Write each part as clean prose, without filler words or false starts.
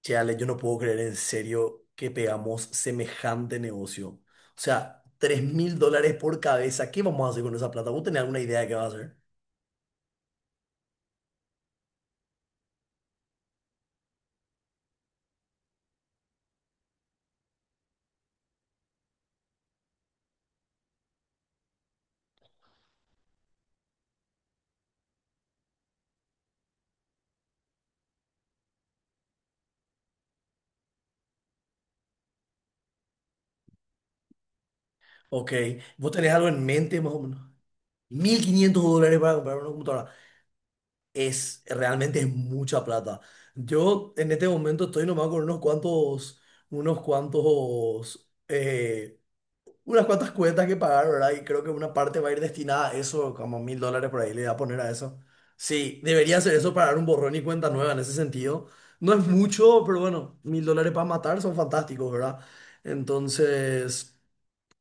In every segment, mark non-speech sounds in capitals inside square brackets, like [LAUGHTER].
Che, Ale, yo no puedo creer en serio que pegamos semejante negocio. O sea, $3000 por cabeza. ¿Qué vamos a hacer con esa plata? ¿Vos tenés alguna idea de qué vas a hacer? Ok. ¿Vos tenés algo en mente más o menos? $1500 para comprar una computadora. Es, realmente es mucha plata. Yo en este momento estoy nomás con unos cuantos, unas cuantas cuentas que pagar, ¿verdad? Y creo que una parte va a ir destinada a eso, como $1000 por ahí le voy a poner a eso. Sí, debería ser eso para dar un borrón y cuenta nueva en ese sentido. No es mucho, pero bueno, $1000 para matar son fantásticos, ¿verdad? Entonces,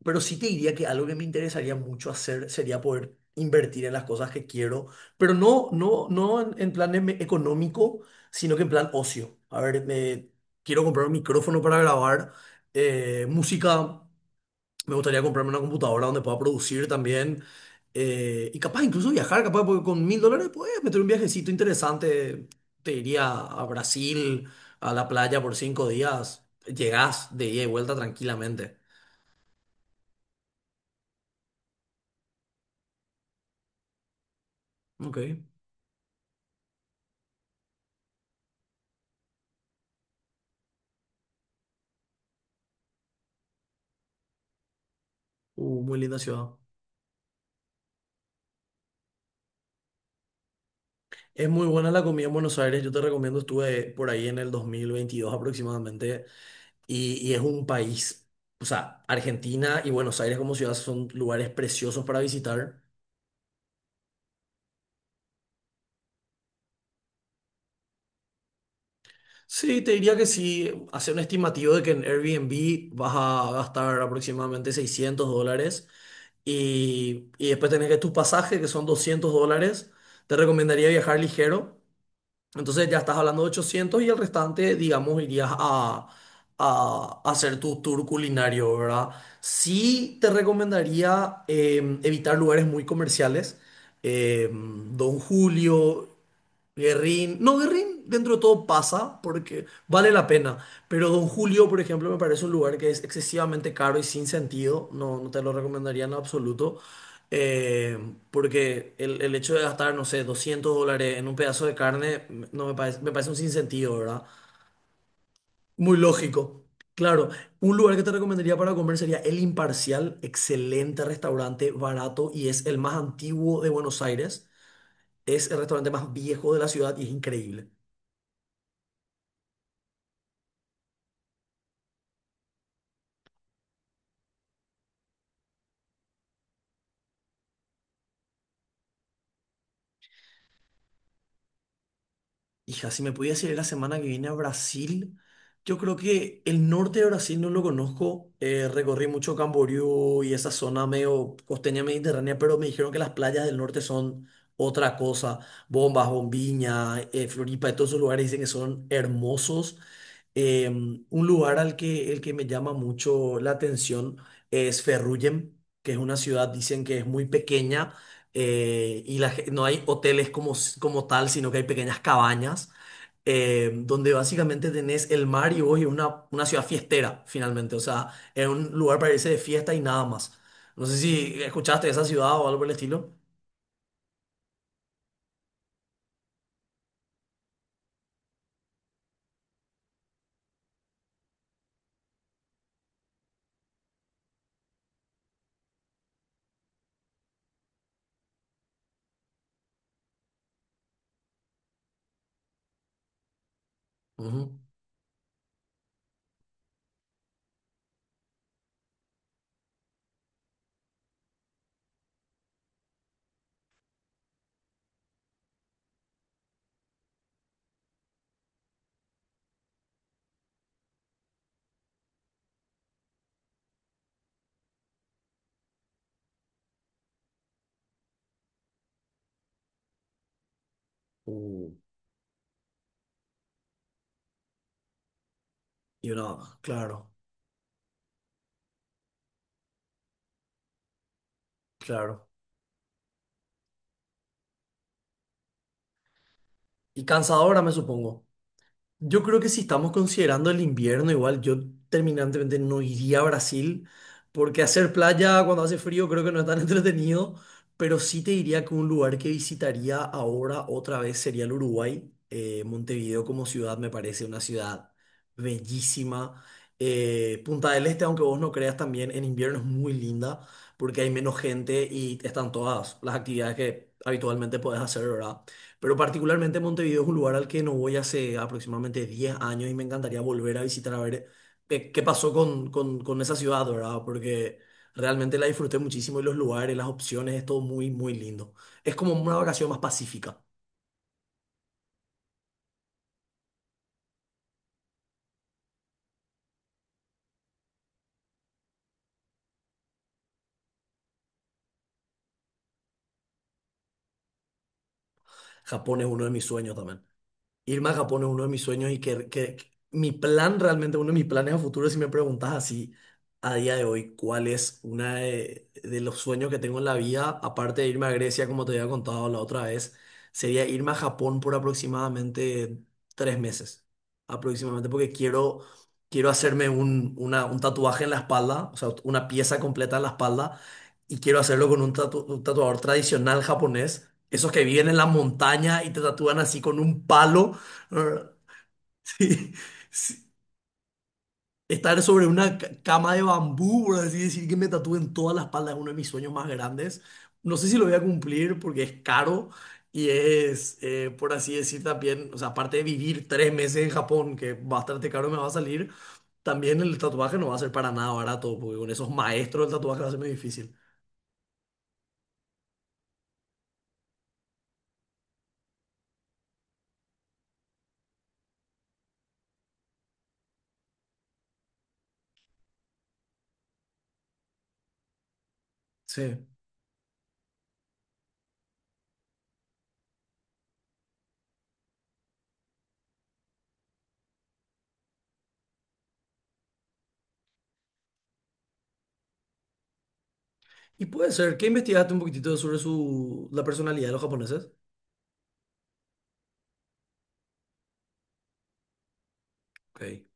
pero sí te diría que algo que me interesaría mucho hacer sería poder invertir en las cosas que quiero, pero no en, económico, sino que en plan ocio. A ver, me, quiero comprar un micrófono para grabar música. Me gustaría comprarme una computadora donde pueda producir también. Y capaz incluso viajar, capaz, porque con $1000 puedes meter un viajecito interesante. Te iría a Brasil, a la playa por 5 días. Llegás de ida y vuelta tranquilamente. Ok. Muy linda ciudad. Es muy buena la comida en Buenos Aires. Yo te recomiendo, estuve por ahí en el 2022 aproximadamente. Y es un país, o sea, Argentina y Buenos Aires como ciudad son lugares preciosos para visitar. Sí, te diría que sí, hacer un estimativo de que en Airbnb vas a gastar aproximadamente $600 y después tenés que tus pasajes, que son $200, te recomendaría viajar ligero. Entonces ya estás hablando de 800 y el restante, digamos, irías a hacer tu tour culinario, ¿verdad? Sí te recomendaría evitar lugares muy comerciales. Don Julio. Guerrín, no, Guerrín dentro de todo pasa porque vale la pena, pero Don Julio, por ejemplo, me parece un lugar que es excesivamente caro y sin sentido, no, no te lo recomendaría en absoluto, eh, porque el hecho de gastar, no sé, $200 en un pedazo de carne, no me parece, me parece un sinsentido, ¿verdad? Muy lógico. Claro, un lugar que te recomendaría para comer sería El Imparcial, excelente restaurante, barato y es el más antiguo de Buenos Aires, es el restaurante más viejo de la ciudad y es increíble. Hija, si me pudiese ir la semana que viene a Brasil, yo creo que el norte de Brasil no lo conozco. Recorrí mucho Camboriú y esa zona medio costeña mediterránea, pero me dijeron que las playas del norte son otra cosa. Bombas, Bombiña, Floripa, y todos esos lugares dicen que son hermosos. Un lugar al que, el que me llama mucho la atención es Ferrugem, que es una ciudad, dicen que es muy pequeña. No hay hoteles como, como tal, sino que hay pequeñas cabañas donde básicamente tenés el mar y vos y una ciudad fiestera, finalmente. O sea, es un lugar para irse de fiesta y nada más. No sé si escuchaste de esa ciudad o algo por el estilo. Ujú. Uh, Y una, claro, claro. Y cansadora, me supongo. Yo creo que si estamos considerando el invierno, igual yo terminantemente no iría a Brasil, porque hacer playa cuando hace frío creo que no es tan [LAUGHS] entretenido, pero sí te diría que un lugar que visitaría ahora otra vez sería el Uruguay. Montevideo como ciudad me parece una ciudad bellísima. Punta del Este, aunque vos no creas también, en invierno es muy linda porque hay menos gente y están todas las actividades que habitualmente podés hacer, ¿verdad? Pero particularmente Montevideo es un lugar al que no voy hace aproximadamente 10 años y me encantaría volver a visitar a ver qué, qué pasó con esa ciudad, ¿verdad? Porque realmente la disfruté muchísimo y los lugares, las opciones, es todo muy, muy lindo. Es como una vacación más pacífica. Japón es uno de mis sueños también. Irme a Japón es uno de mis sueños y que mi plan realmente, uno de mis planes a futuro, si me preguntas así a día de hoy, cuál es una de los sueños que tengo en la vida, aparte de irme a Grecia, como te había contado la otra vez, sería irme a Japón por aproximadamente 3 meses, aproximadamente, porque quiero, quiero hacerme un tatuaje en la espalda, o sea, una pieza completa en la espalda, y quiero hacerlo con un tatuador tradicional japonés. Esos que viven en la montaña y te tatúan así con un palo [LAUGHS] ¿verdad? Sí, sí. Estar sobre una cama de bambú, por así decir, que me tatúen toda la espalda es uno de mis sueños más grandes. No sé si lo voy a cumplir porque es caro y es, por así decir, también, o sea, aparte de vivir 3 meses en Japón, que bastante caro me va a salir, también el tatuaje no va a ser para nada barato, porque con esos maestros el tatuaje va a ser muy difícil. Sí. Y puede ser, ¿qué investigaste un poquitito sobre su, la personalidad de los japoneses? Ok.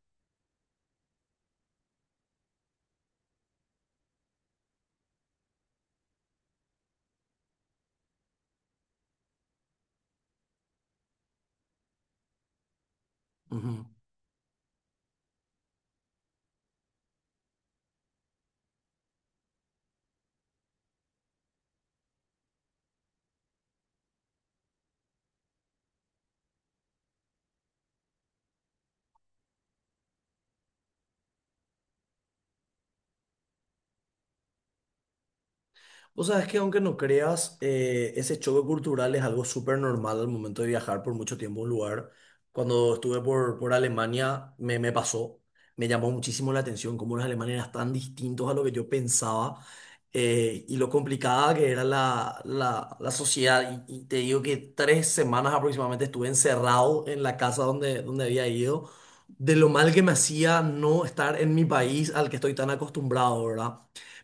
Vos sabés que aunque no creas, ese choque cultural es algo súper normal al momento de viajar por mucho tiempo a un lugar. Cuando estuve por Alemania me, me pasó, me llamó muchísimo la atención cómo los alemanes eran tan distintos a lo que yo pensaba y lo complicada que era la sociedad. Y te digo que 3 semanas aproximadamente estuve encerrado en la casa donde, donde había ido, de lo mal que me hacía no estar en mi país al que estoy tan acostumbrado, ¿verdad?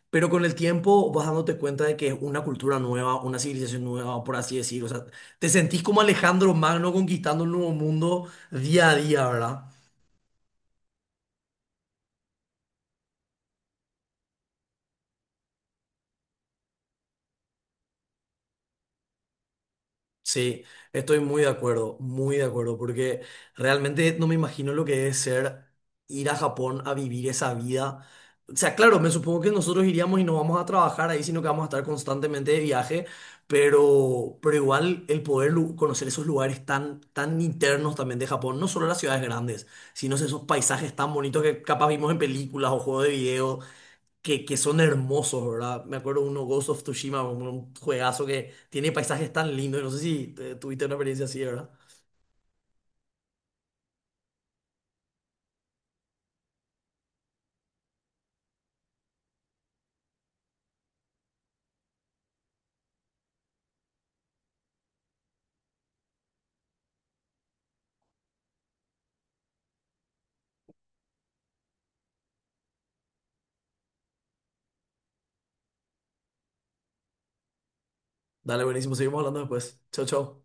Pero con el tiempo vas dándote cuenta de que es una cultura nueva, una civilización nueva, por así decirlo. O sea, te sentís como Alejandro Magno conquistando un nuevo mundo día a día, ¿verdad? Sí, estoy muy de acuerdo, porque realmente no me imagino lo que es ser ir a Japón a vivir esa vida. O sea, claro, me supongo que nosotros iríamos y no vamos a trabajar ahí, sino que vamos a estar constantemente de viaje, pero igual el poder conocer esos lugares tan, tan internos también de Japón, no solo las ciudades grandes, sino esos paisajes tan bonitos que capaz vimos en películas o juegos de video que son hermosos, ¿verdad? Me acuerdo uno, Ghost of Tsushima, un juegazo que tiene paisajes tan lindos. No sé si tuviste una experiencia así, ¿verdad? Dale, buenísimo. Seguimos hablando después. Chao, chao.